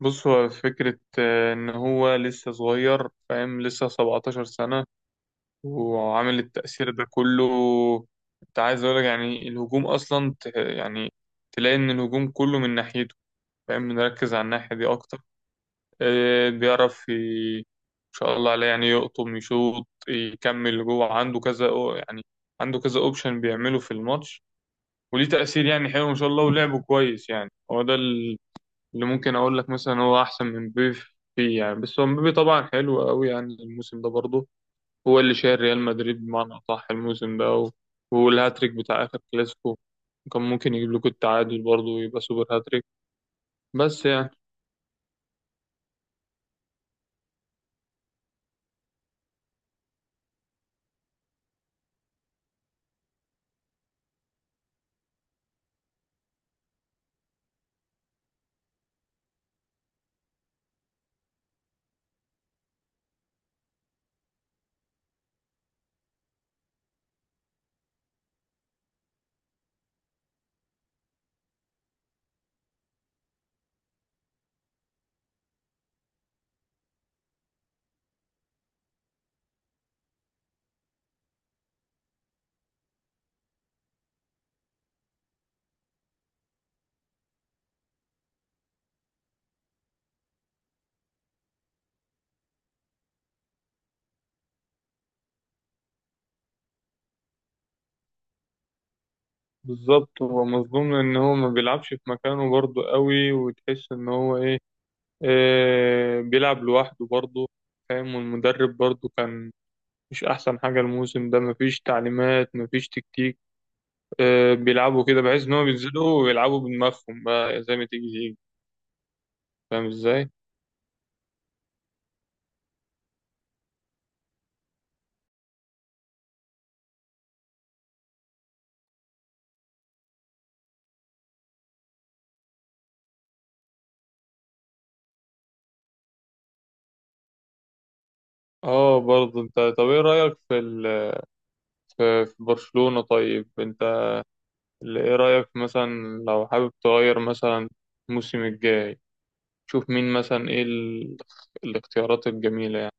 بص، هو فكرة إن هو لسه صغير، فاهم؟ لسه 17 سنة وعامل التأثير ده كله. أنت عايز أقولك يعني الهجوم أصلا يعني تلاقي إن الهجوم كله من ناحيته، فاهم؟ بنركز على الناحية دي أكتر. بيعرف إن شاء الله عليه، يعني يقطم، يشوط، يكمل جوه، عنده كذا يعني عنده كذا أوبشن بيعمله في الماتش، وليه تأثير يعني حلو إن شاء الله، ولعبه كويس. يعني هو ده اللي ممكن اقول لك مثلا هو احسن من مبابي فيه، يعني. بس هو مبابي طبعا حلو قوي يعني الموسم ده برضه، هو اللي شايل ريال مدريد بمعنى اصح الموسم ده، والهاتريك بتاع اخر كلاسيكو كان ممكن يجيب لكم التعادل برضه ويبقى سوبر هاتريك، بس يعني. بالظبط، هو مظلوم، ان هو ما بيلعبش في مكانه برضه قوي، وتحس ان هو ايه، آه، بيلعب لوحده برضه، فاهم؟ والمدرب برضه كان مش احسن حاجة الموسم ده، مفيش تعليمات مفيش تكتيك. بيلعبوا كده بحيث ان هم بينزلوا ويلعبوا بدماغهم بقى زي ما تيجي تيجي، فاهم ازاي؟ اه برضه انت، طب ايه رايك في في برشلونة؟ طيب انت، ايه رايك مثلا لو حابب تغير مثلا الموسم الجاي؟ شوف مين مثلا، ايه الاختيارات الجميلة، يعني.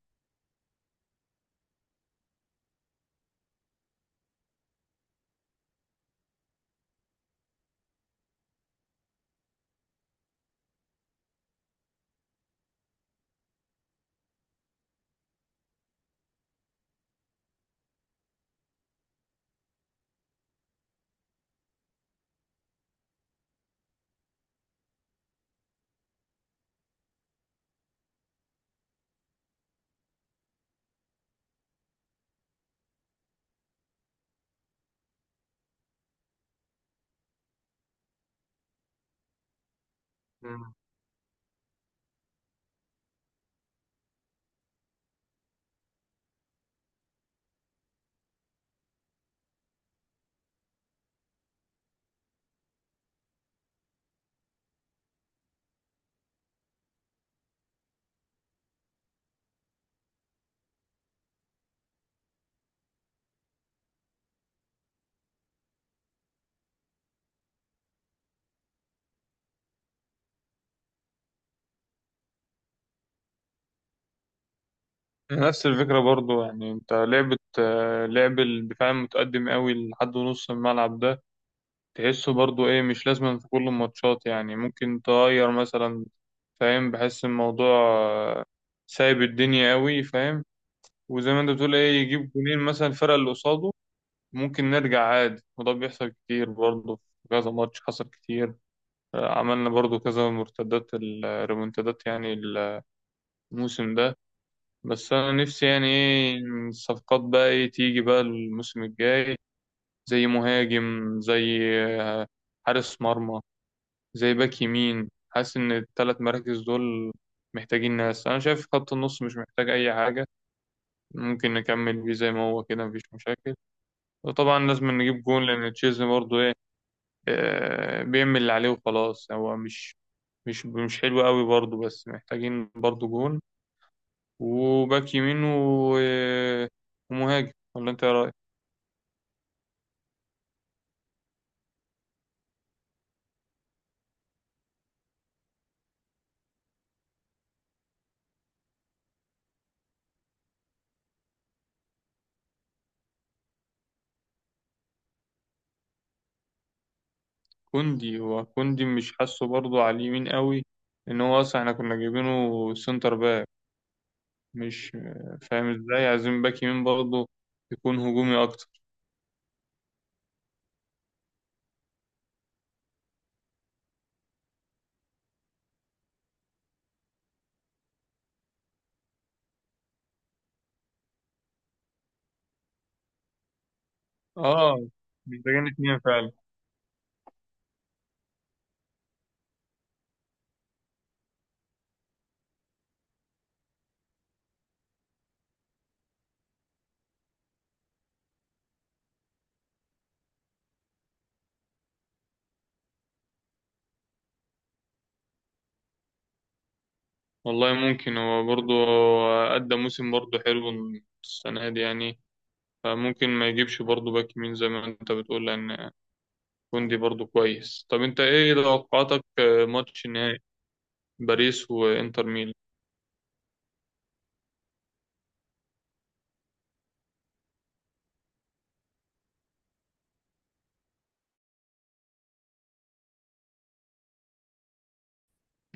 مم. نفس الفكرة برضو، يعني انت لعبة لعب الدفاع المتقدم قوي لحد نص الملعب ده، تحسه برضو ايه، مش لازم في كل الماتشات، يعني ممكن تغير مثلا، فاهم؟ بحس الموضوع آه، سايب الدنيا قوي، فاهم؟ وزي ما انت بتقول ايه، يجيب جونين مثلا الفرقة اللي قصاده، ممكن نرجع عادي. وده بيحصل كتير برضو، في كذا ماتش حصل كتير، عملنا برضو كذا مرتدات، الريمونتادات يعني الموسم ده. بس انا نفسي يعني ايه الصفقات بقى، ايه تيجي بقى الموسم الجاي، زي مهاجم، زي آه، حارس مرمى، زي باك يمين. حاسس ان الثلاث مراكز دول محتاجين ناس. انا شايف خط النص مش محتاج اي حاجه، ممكن نكمل بيه زي ما هو كده، مفيش مشاكل. وطبعا لازم نجيب جون، لان تشيزني برضه ايه، بيعمل اللي عليه وخلاص، هو مش حلو قوي برضه. بس محتاجين برضه جون وباك يمين ومهاجم. ولا انت ايه رايك؟ كوندي، هو كوندي مش حاسه برضه على اليمين قوي، ان هو اصلا احنا كنا جايبينه سنتر باك، مش فاهم ازاي. عايزين باك يمين برضه، يكون هجومي اكتر. اه محتاجين اتنين فعلا. والله ممكن، هو برضه أدى موسم برضه حلو السنة دي، يعني فممكن ما يجيبش برضه باك يمين زي ما انت بتقول، لأن كوندي برضه كويس. طب انت ايه توقعاتك، ماتش نهائي باريس وانتر ميلان؟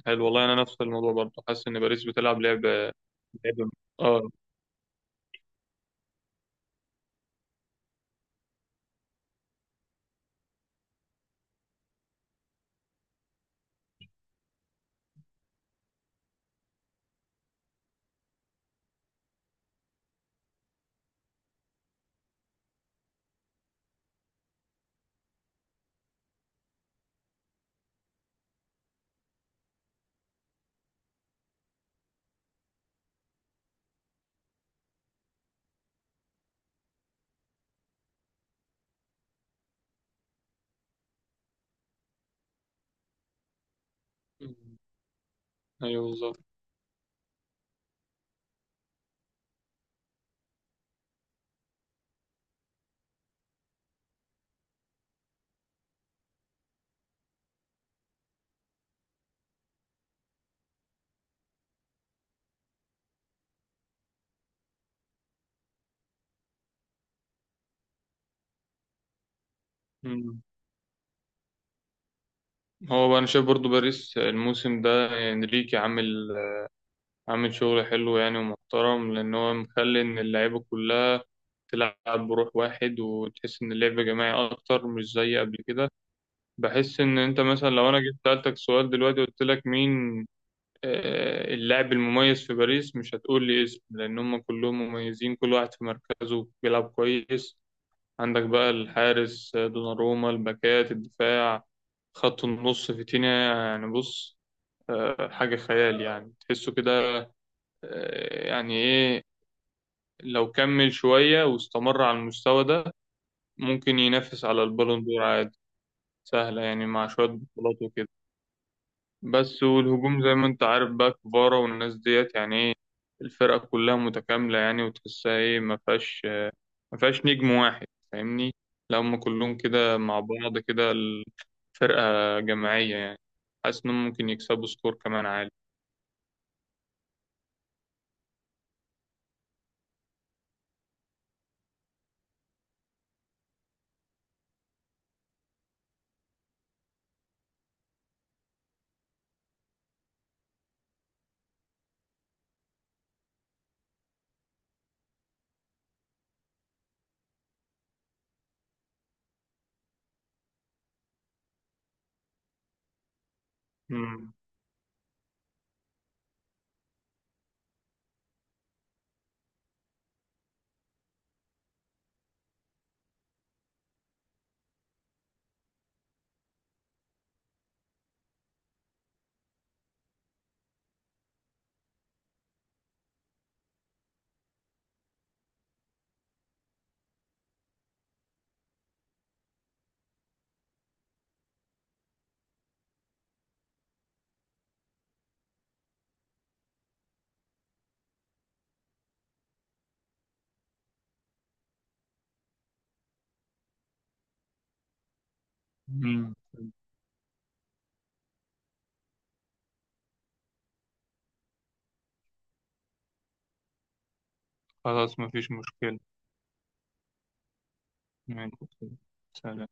حلو والله، انا نفس الموضوع برضه، حاسس ان باريس بتلعب لعبة، لعبة، اه، ايوه بالظبط. هو بقى انا شايف برضو باريس الموسم ده، انريكي عامل، عامل شغل حلو يعني ومحترم، لان هو مخلي ان اللعيبه كلها تلعب بروح واحد، وتحس ان اللعب جماعي اكتر مش زي قبل كده. بحس ان انت مثلا لو انا جيت سالتك سؤال دلوقتي، قلت لك مين اللاعب المميز في باريس، مش هتقول لي اسم، لان هم كلهم مميزين، كل واحد في مركزه بيلعب كويس. عندك بقى الحارس آه، دوناروما، الباكات، الدفاع، خط النص فيتينيا، يعني بص، حاجة خيال يعني، تحسه كده يعني إيه، لو كمل شوية واستمر على المستوى ده، ممكن ينافس على البالون دور عادي، سهلة يعني، مع شوية بطولات وكده. بس والهجوم زي ما أنت عارف بقى، كفارا والناس ديت، يعني إيه، الفرقة كلها متكاملة يعني، وتحسها إيه ما فيهاش، ما فيهاش نجم واحد، فاهمني؟ لو هم كلهم كده مع بعض كده، الفرقة جماعية يعني، حاسس إنهم ممكن يكسبوا سكور كمان عالي. مم. مم. خلاص مفيش مشكلة. ماشي، سلام.